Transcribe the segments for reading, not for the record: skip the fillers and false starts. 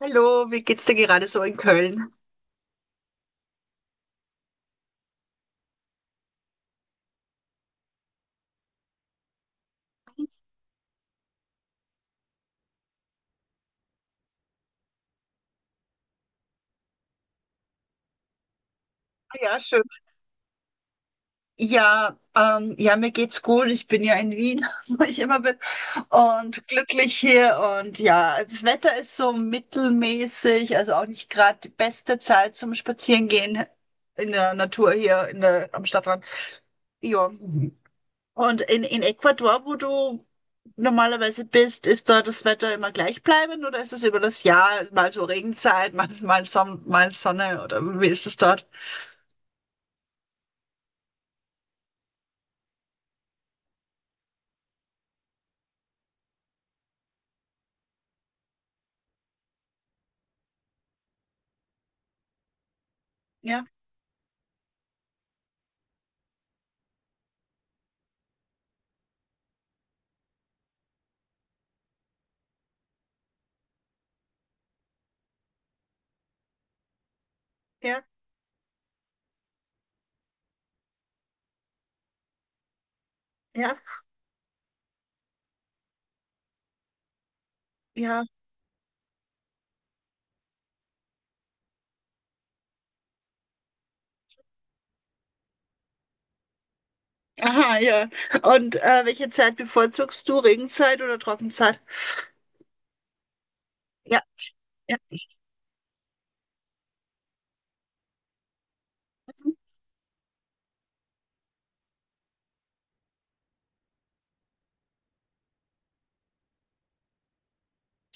Hallo, wie geht's dir gerade so in Köln? Ah, ja, schön. Ja, ja, mir geht's gut. Ich bin ja in Wien, wo ich immer bin, und glücklich hier. Und ja, das Wetter ist so mittelmäßig, also auch nicht gerade die beste Zeit zum Spazierengehen in der Natur hier am Stadtrand. Ja. Und in Ecuador, wo du normalerweise bist, ist da das Wetter immer gleichbleibend, oder ist es über das Jahr mal so Regenzeit, mal Sonne, oder wie ist es dort? Ja. Ja, ja, ja. Aha, ja. Und welche Zeit bevorzugst du? Regenzeit oder Trockenzeit? Ja, ja.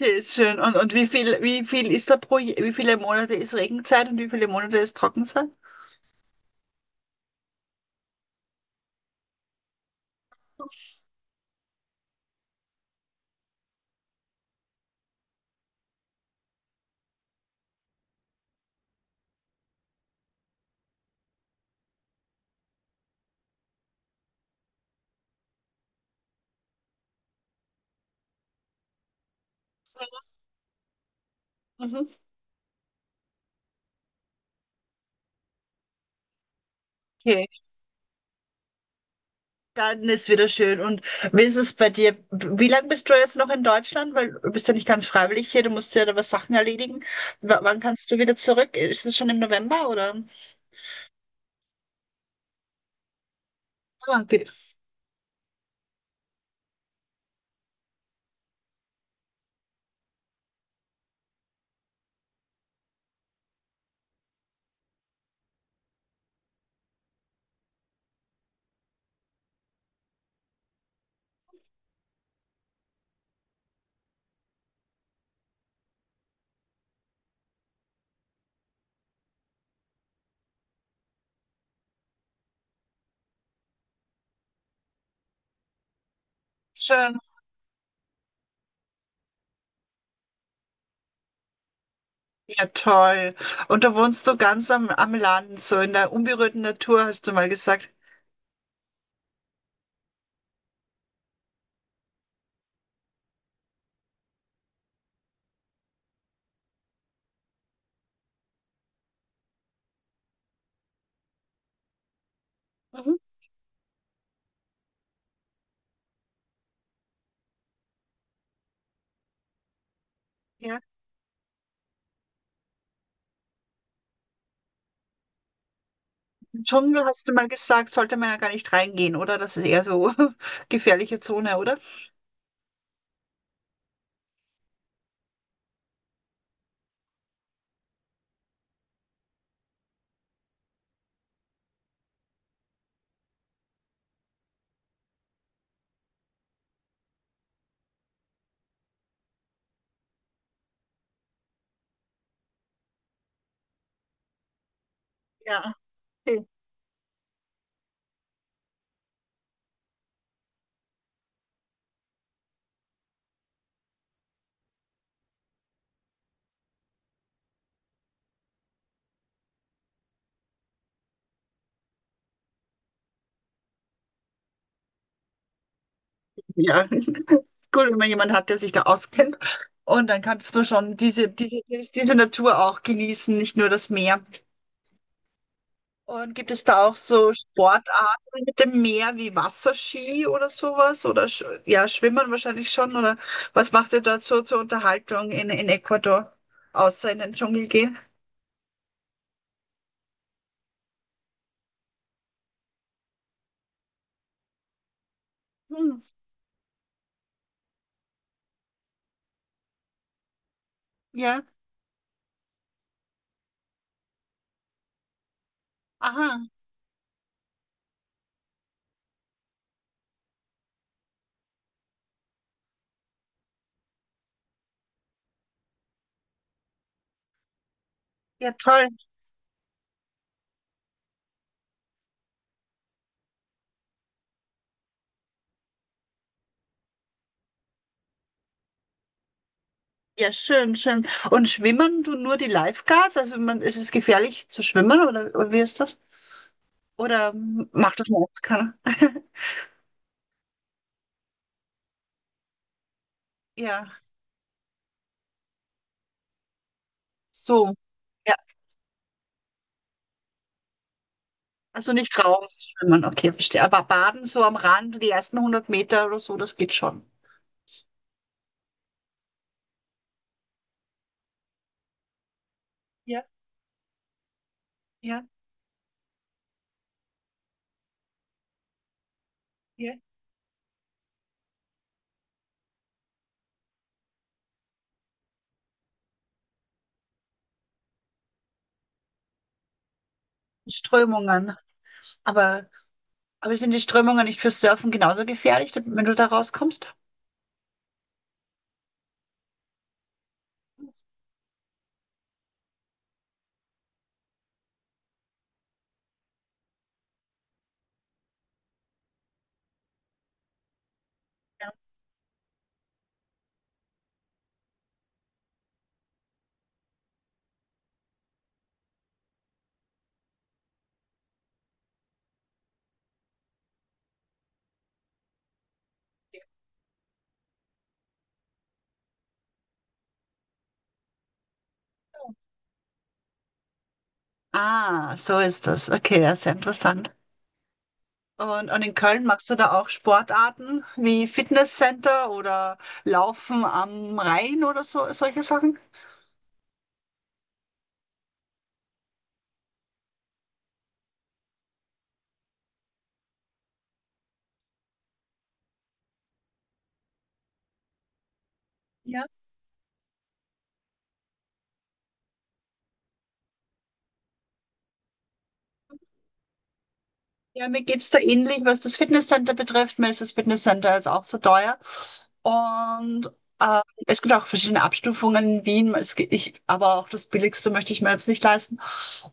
Okay, schön. Und, wie viel ist da pro, wie viele Monate ist Regenzeit und wie viele Monate ist Trockenzeit? Mhm. Okay, dann ist wieder schön. Und wie ist es bei dir? Wie lange bist du jetzt noch in Deutschland? Weil du bist ja nicht ganz freiwillig hier, du musst ja da was Sachen erledigen. W Wann kannst du wieder zurück? Ist es schon im November oder? Ah, okay. Schön. Ja, toll. Und du wohnst so ganz am Land, so in der unberührten Natur, hast du mal gesagt. Mhm. Ja, im Dschungel hast du mal gesagt, sollte man ja gar nicht reingehen, oder? Das ist eher so gefährliche Zone, oder? Ja. Okay. Ja, gut, wenn man jemanden hat, der sich da auskennt. Und dann kannst du schon diese Natur auch genießen, nicht nur das Meer. Und gibt es da auch so Sportarten mit dem Meer wie Wasserski oder sowas? Oder sch ja, Schwimmen wahrscheinlich schon. Oder was macht ihr dort so zur Unterhaltung in Ecuador, außer in den Dschungel gehen? Hm, ja, aha, ja, toll. Ja, schön, schön. Und schwimmen du nur die Lifeguards? Also man, ist es gefährlich zu schwimmen, oder wie ist das? Oder macht das noch keiner? Ja, so. Also nicht raus schwimmen, okay, verstehe. Aber baden so am Rand, die ersten hundert Meter oder so, das geht schon. Ja, ja, ja. Strömungen. Aber, aber sind die Strömungen nicht fürs Surfen genauso gefährlich, wenn du da rauskommst? Ah, so ist das. Okay, ja, sehr interessant. Und in Köln machst du da auch Sportarten wie Fitnesscenter oder Laufen am Rhein oder so, solche Sachen? Ja. Ja, mir geht's da ähnlich, was das Fitnesscenter betrifft. Mir ist das Fitnesscenter jetzt auch zu teuer. Und es gibt auch verschiedene Abstufungen in Wien. Es gibt, ich, aber auch das Billigste möchte ich mir jetzt nicht leisten.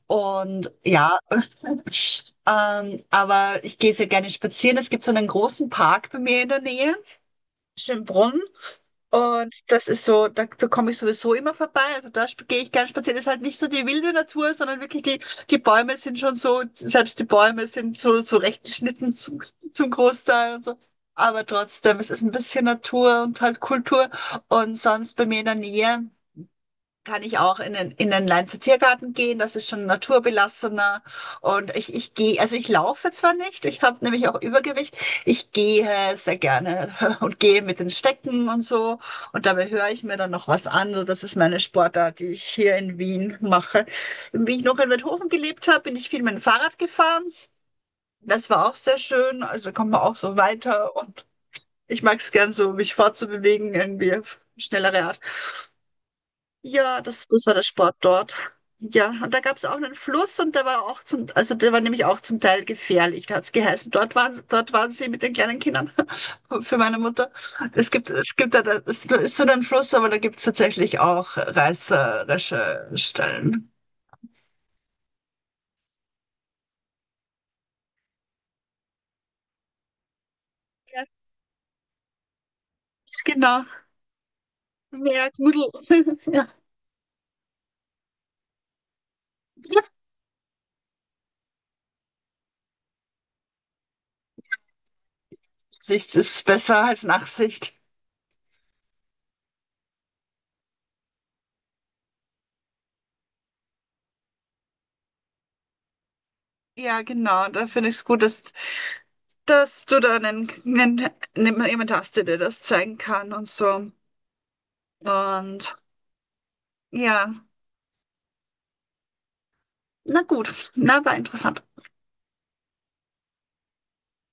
Und ja, aber ich gehe sehr gerne spazieren. Es gibt so einen großen Park bei mir in der Nähe, Schönbrunn. Und das ist so, da komme ich sowieso immer vorbei. Also gehe ich gern spazieren. Ist halt nicht so die wilde Natur, sondern wirklich die, die Bäume sind schon so, selbst die Bäume sind so, so recht geschnitten zum Großteil und so. Aber trotzdem, es ist ein bisschen Natur und halt Kultur. Und sonst bei mir in der Nähe kann ich auch in den Leinzer-Tiergarten gehen. Das ist schon naturbelassener. Und ich gehe, also ich laufe zwar nicht, ich habe nämlich auch Übergewicht. Ich gehe sehr gerne und gehe mit den Stecken und so. Und dabei höre ich mir dann noch was an. So, das ist meine Sportart, die ich hier in Wien mache. Wie ich noch in Weidhofen gelebt habe, bin ich viel mit dem Fahrrad gefahren. Das war auch sehr schön. Also kommt man auch so weiter. Und ich mag es gern so, mich fortzubewegen, irgendwie auf schnellere Art. Ja, das war der Sport dort. Ja, und da gab es auch einen Fluss und der war auch zum, also der war nämlich auch zum Teil gefährlich. Da hat es geheißen, dort waren sie mit den kleinen Kindern für meine Mutter. Es gibt da, ist so ein Fluss, aber da gibt es tatsächlich auch reißerische Stellen. Ja, genau. Mehr Gudel. Ja. Sicht ist besser als Nachsicht. Ja, genau. Da finde ich es gut, dass du da jemanden hast, der dir das zeigen kann und so. Und ja, na gut, na, war interessant.